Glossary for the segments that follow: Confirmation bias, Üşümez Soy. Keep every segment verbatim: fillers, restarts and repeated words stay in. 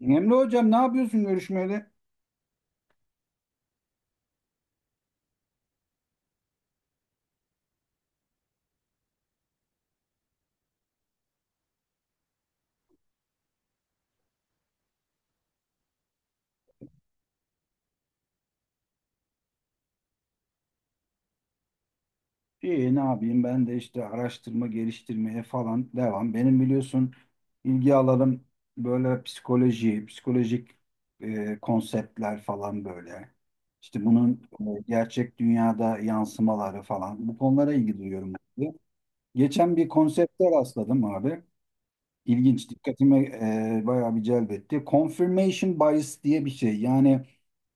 Emre hocam ne yapıyorsun görüşmeli? İyi, ne yapayım, ben de işte araştırma geliştirmeye falan devam. Benim biliyorsun ilgi alanım böyle psikoloji, psikolojik e, konseptler falan böyle. İşte bunun e, gerçek dünyada yansımaları falan, bu konulara ilgi duyuyorum. Abi, geçen bir konsepte rastladım abi. İlginç, dikkatime e, bayağı bir celbetti. Confirmation bias diye bir şey. Yani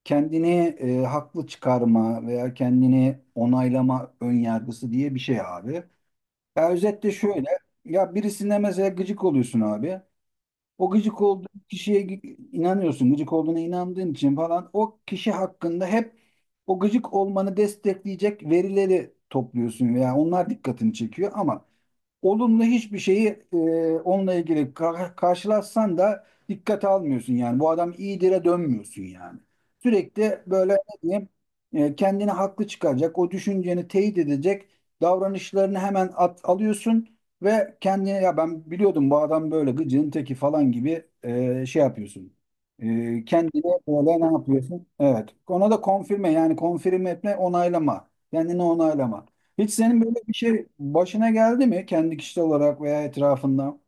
kendini e, haklı çıkarma veya kendini onaylama önyargısı diye bir şey abi. Ya özetle şöyle, ya birisine mesela gıcık oluyorsun abi. O gıcık olduğun kişiye gı- inanıyorsun, gıcık olduğuna inandığın için falan o kişi hakkında hep o gıcık olmanı destekleyecek verileri topluyorsun veya onlar dikkatini çekiyor, ama olumlu hiçbir şeyi e, onunla ilgili ka- karşılaşsan da dikkate almıyorsun yani. Bu adam iyidire dönmüyorsun yani. Sürekli böyle ne diyeyim, e, kendini haklı çıkaracak, o düşünceni teyit edecek davranışlarını hemen at, alıyorsun ve kendine ya ben biliyordum bu adam böyle gıcığın teki falan gibi e, şey yapıyorsun. E, kendine böyle ne yapıyorsun? Evet. Ona da konfirme, yani konfirme etme, onaylama. Kendini onaylama. Hiç senin böyle bir şey başına geldi mi kendi kişisel olarak veya etrafında?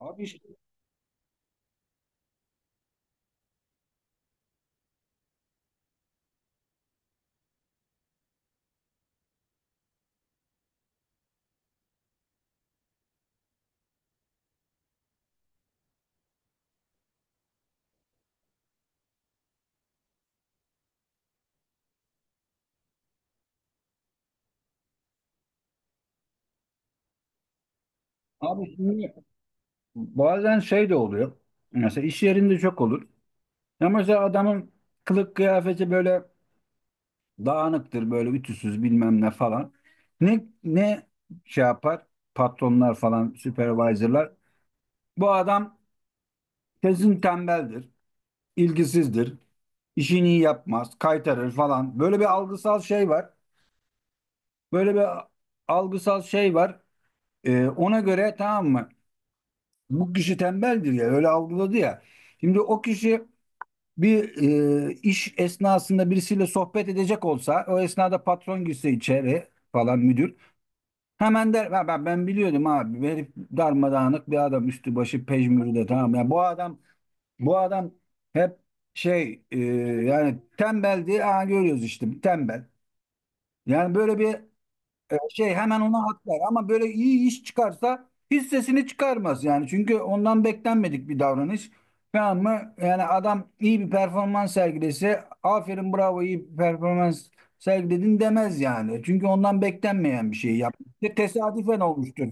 Abi işte, abi şimdi bazen şey de oluyor. Mesela iş yerinde çok olur. Ya mesela adamın kılık kıyafeti böyle dağınıktır, böyle ütüsüz bilmem ne falan. Ne ne şey yapar? Patronlar falan, supervisorlar. Bu adam kesin tembeldir, ilgisizdir, işini iyi yapmaz, kaytarır falan. Böyle bir algısal şey var. Böyle bir algısal şey var. Ee, ona göre, tamam mı? Bu kişi tembeldir ya, öyle algıladı ya. Şimdi o kişi bir e, iş esnasında birisiyle sohbet edecek olsa, o esnada patron girse içeri falan, müdür. Hemen der "Ha, ben, ben biliyordum abi, bu herif darmadağınık bir adam, üstü başı pejmürde, tamam ya bu adam, bu adam hep şey, e, yani tembeldi, ha görüyoruz işte tembel." Yani böyle bir e, şey hemen ona atlar, ama böyle iyi iş çıkarsa hissesini çıkarmaz yani. Çünkü ondan beklenmedik bir davranış. Tamam mı? Yani adam iyi bir performans sergilese aferin, bravo, iyi bir performans sergiledin demez yani. Çünkü ondan beklenmeyen bir şey yaptı. Tesadüfen olmuştur.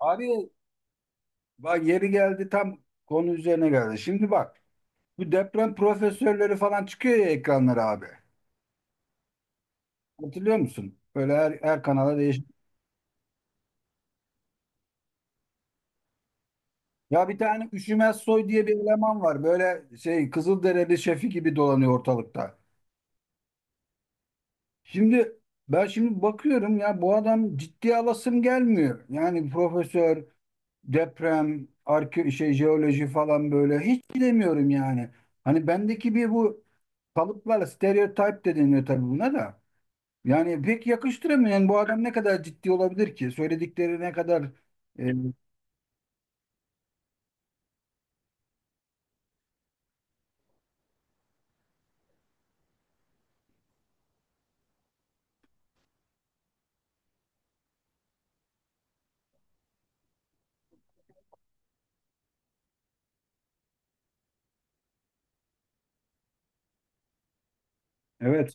Abi bak, yeri geldi, tam konu üzerine geldi. Şimdi bak, bu deprem profesörleri falan çıkıyor ya ekranlara abi. Hatırlıyor musun? Böyle her, her kanala değişik. Ya bir tane Üşümez Soy diye bir eleman var. Böyle şey, Kızılderili şefi gibi dolanıyor ortalıkta. Şimdi ben şimdi bakıyorum ya, bu adam ciddiye alasım gelmiyor. Yani profesör, deprem, arke şey, jeoloji falan böyle, hiç bilemiyorum yani. Hani bendeki bir bu kalıplar, stereotip de deniyor tabii buna da. Yani pek yakıştıramıyorum. Yani bu adam ne kadar ciddi olabilir ki? Söyledikleri ne kadar e, evet, evet,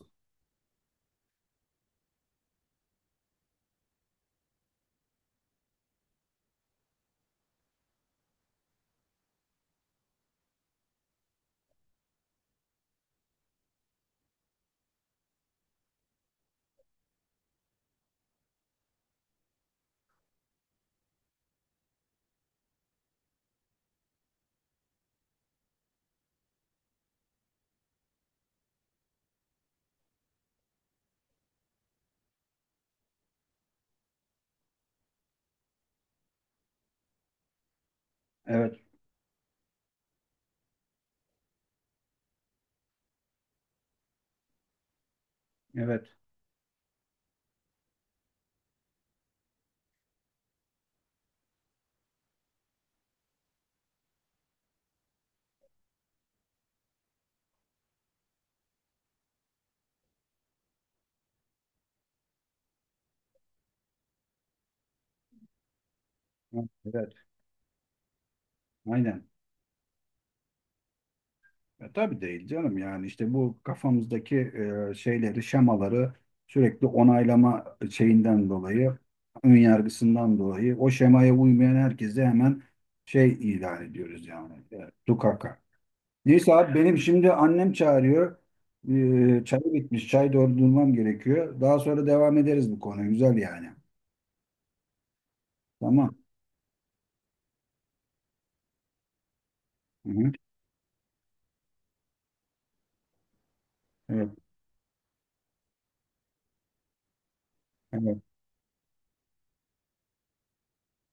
evet, evet, evet, aynen. Ya tabii değil canım, yani işte bu kafamızdaki e, şeyleri, şemaları sürekli onaylama şeyinden dolayı, ön yargısından dolayı, o şemaya uymayan herkese hemen şey ilan ediyoruz yani. E, tukaka. Neyse abi, benim şimdi annem çağırıyor. E, çayı bitmiş. Çay doldurmam gerekiyor. Daha sonra devam ederiz bu konu. Güzel yani. Tamam. Hı hı. Evet, evet.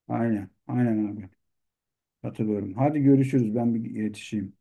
Aynen. Aynen abi. Hatırlıyorum. Hadi görüşürüz. Ben bir yetişeyim.